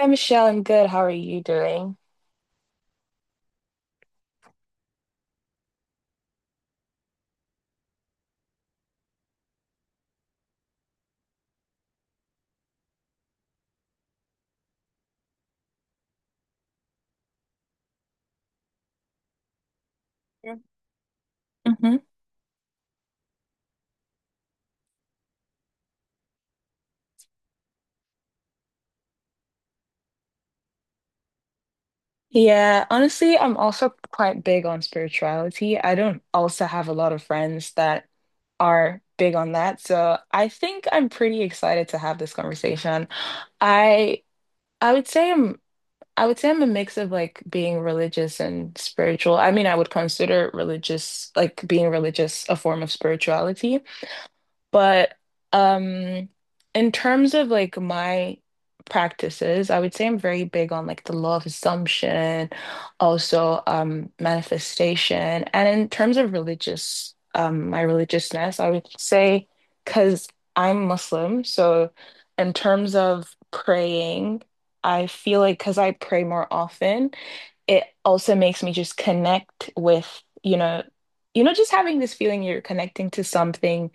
Hi, Michelle. I'm good. How are you doing? Mm-hmm. Yeah, honestly, I'm also quite big on spirituality. I don't also have a lot of friends that are big on that, so I think I'm pretty excited to have this conversation. I I would say I'm I would say I'm a mix of like being religious and spiritual. I mean, I would consider religious, like being religious, a form of spirituality. But um in terms of like my practices, I would say I'm very big on like the law of assumption, also manifestation. And in terms of religious my religiousness, I would say because I'm Muslim, so in terms of praying, I feel like because I pray more often, it also makes me just connect with, just having this feeling you're connecting to something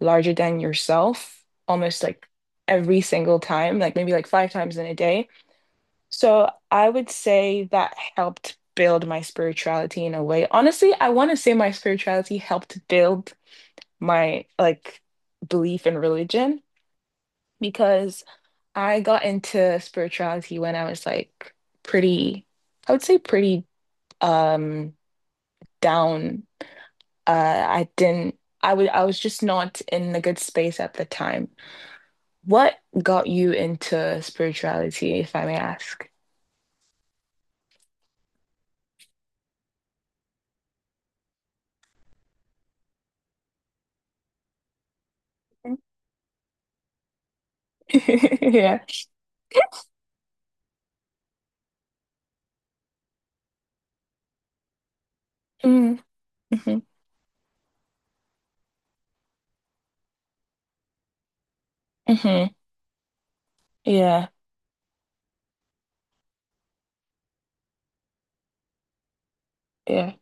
larger than yourself, almost like every single time, like maybe like five times in a day. So I would say that helped build my spirituality in a way. Honestly, I want to say my spirituality helped build my like belief in religion because I got into spirituality when I was like pretty, I would say pretty um down. I didn't I would I was just not in a good space at the time. What got you into spirituality, if I may ask? Yeah. Mm, hmm hmm. Yeah. Yeah.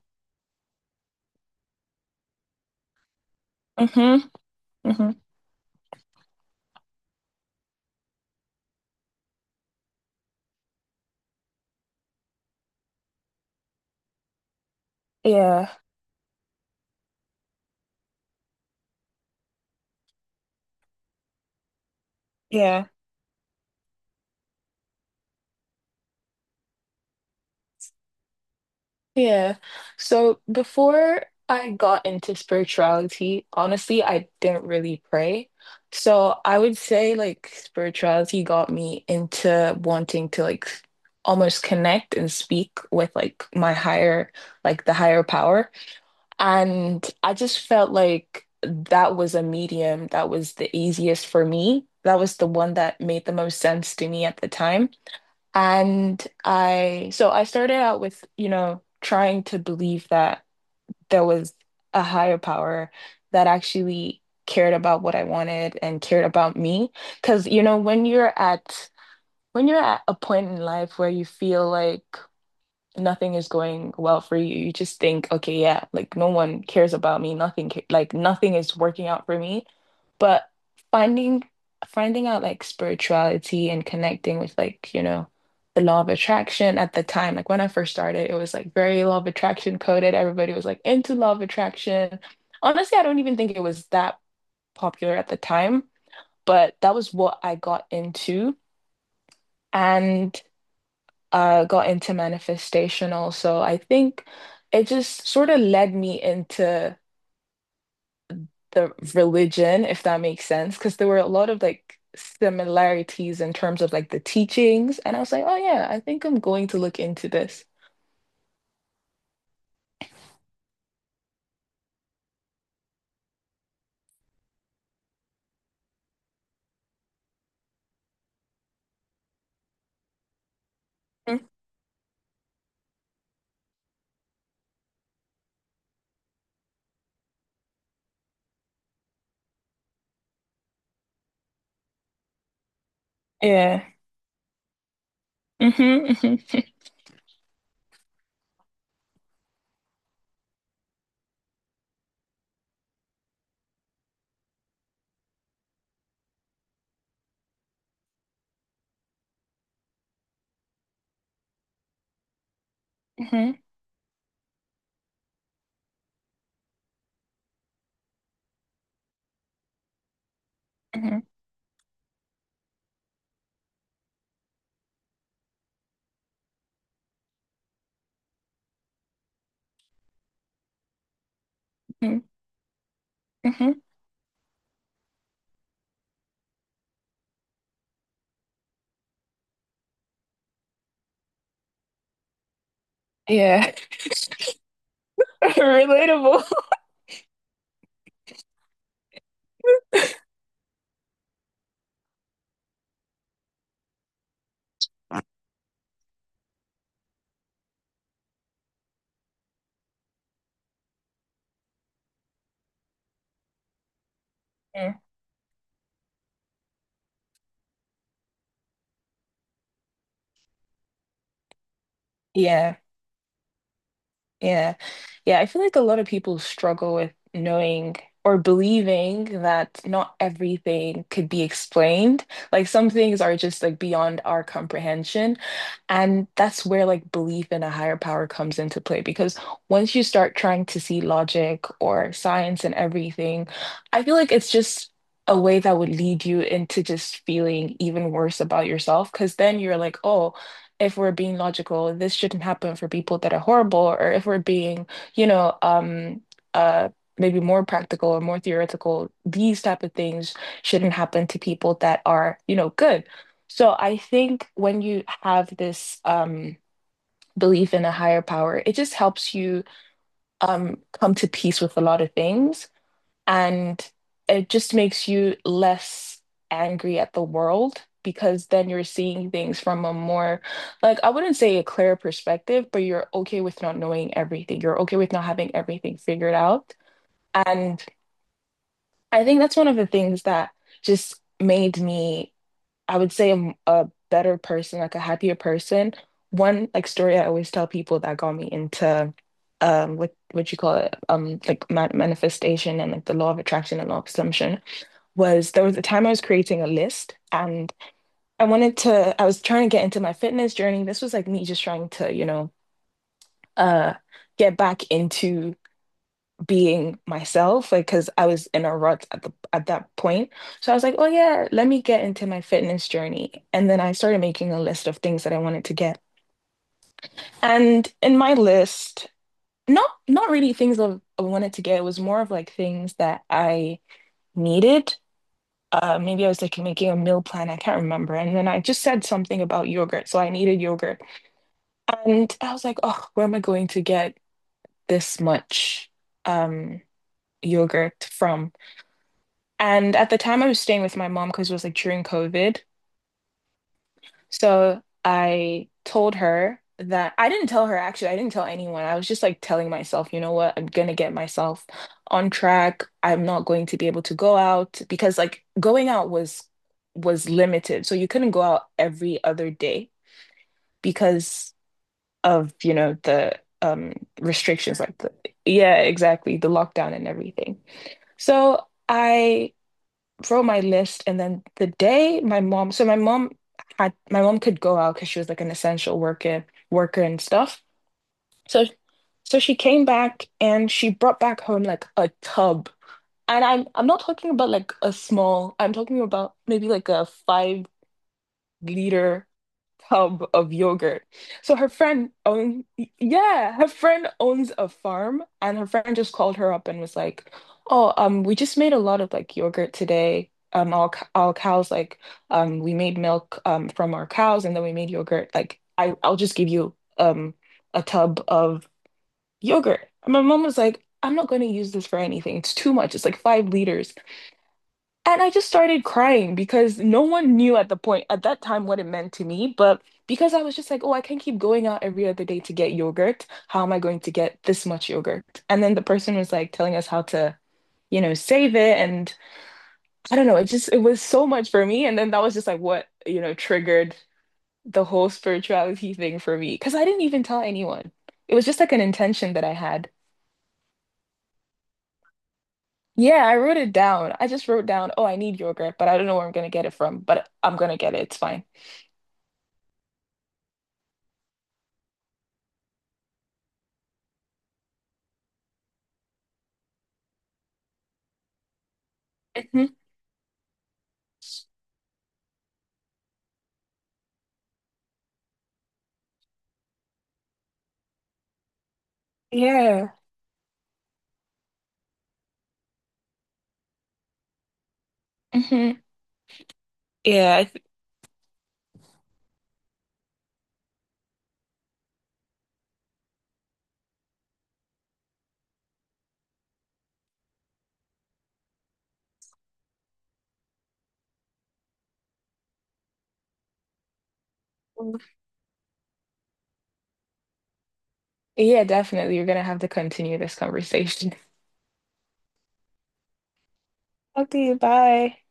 Hmm hmm. Yeah. Yeah. Yeah. So before I got into spirituality, honestly, I didn't really pray. So I would say like spirituality got me into wanting to like almost connect and speak with like my higher, like the higher power. And I just felt like that was a medium that was the easiest for me. That was the one that made the most sense to me at the time. So I started out with, you know, trying to believe that there was a higher power that actually cared about what I wanted and cared about me. Because, you know, when you're at a point in life where you feel like nothing is going well for you. You just think, okay, yeah, like no one cares about me. Nothing, ca- like nothing is working out for me. But finding finding out like spirituality and connecting with, like, you know, the law of attraction at the time, like when I first started, it was like very law of attraction coded. Everybody was like into law of attraction. Honestly, I don't even think it was that popular at the time, but that was what I got into. And got into manifestation also. I think it just sort of led me into the religion, if that makes sense, because there were a lot of like similarities in terms of like the teachings. And I was like, oh yeah, I think I'm going to look into this. Mm. Yeah. Mm-hmm, mm-hmm, mm-hmm, mm-hmm, mm-hmm. Mm-hmm. Yeah. Relatable. Mm. Yeah. Yeah. Yeah, I feel like a lot of people struggle with knowing or believing that not everything could be explained. Like some things are just like beyond our comprehension. And that's where like belief in a higher power comes into play because once you start trying to see logic or science and everything, I feel like it's just a way that would lead you into just feeling even worse about yourself, because then you're like, oh, if we're being logical, this shouldn't happen for people that are horrible, or if we're being, you know, uh, maybe more practical or more theoretical, these type of things shouldn't happen to people that are, you know, good. So I think when you have this belief in a higher power, it just helps you come to peace with a lot of things. And it just makes you less angry at the world, because then you're seeing things from a more, like, I wouldn't say a clear perspective, but you're okay with not knowing everything. You're okay with not having everything figured out. And I think that's one of the things that just made me, I would say, a better person, like a happier person. One like story I always tell people that got me into what you call it, like ma manifestation and like the law of attraction and law of assumption, was there was a time I was creating a list, and I was trying to get into my fitness journey. This was like me just trying to, you know, uh get back into being myself, like because I was in a rut at the at that point. So I was like, oh yeah, let me get into my fitness journey. And then I started making a list of things that I wanted to get. And in my list, not really things that I wanted to get, it was more of like things that I needed. Maybe I was like making a meal plan. I can't remember. And then I just said something about yogurt. So I needed yogurt. And I was like, oh, where am I going to get this much um, yogurt from? And at the time I was staying with my mom, because it was like during COVID. So I didn't tell her, actually, I didn't tell anyone. I was just like telling myself, you know what, I'm gonna get myself on track. I'm not going to be able to go out because like going out was limited. So you couldn't go out every other day because of, you know, the restrictions, like, the yeah, exactly, the lockdown and everything. So I wrote my list, and then the day my mom so my mom had my mom could go out because she was like an essential worker and stuff, so so she came back, and she brought back home like a tub, and I'm not talking about like a small, I'm talking about maybe like a 5-liter tub of yogurt. So her friend own yeah, her friend owns a farm, and her friend just called her up and was like, "Oh, we just made a lot of like yogurt today. All cows, like, we made milk from our cows, and then we made yogurt. Like, I'll just give you a tub of yogurt." And my mom was like, "I'm not going to use this for anything. It's too much. It's like 5 liters." And I just started crying, because no one knew at the point at that time what it meant to me. But because I was just like, oh, I can't keep going out every other day to get yogurt. How am I going to get this much yogurt? And then the person was like telling us how to, you know, save it. And I don't know, it was so much for me. And then that was just like what, you know, triggered the whole spirituality thing for me. Because I didn't even tell anyone. It was just like an intention that I had. Yeah, I wrote it down. I just wrote down, oh, I need yogurt, but I don't know where I'm gonna get it from, but I'm gonna get it. It's fine. Yeah. Hmm. Yeah. Yeah, definitely. You're gonna have to continue this conversation. Okay, bye.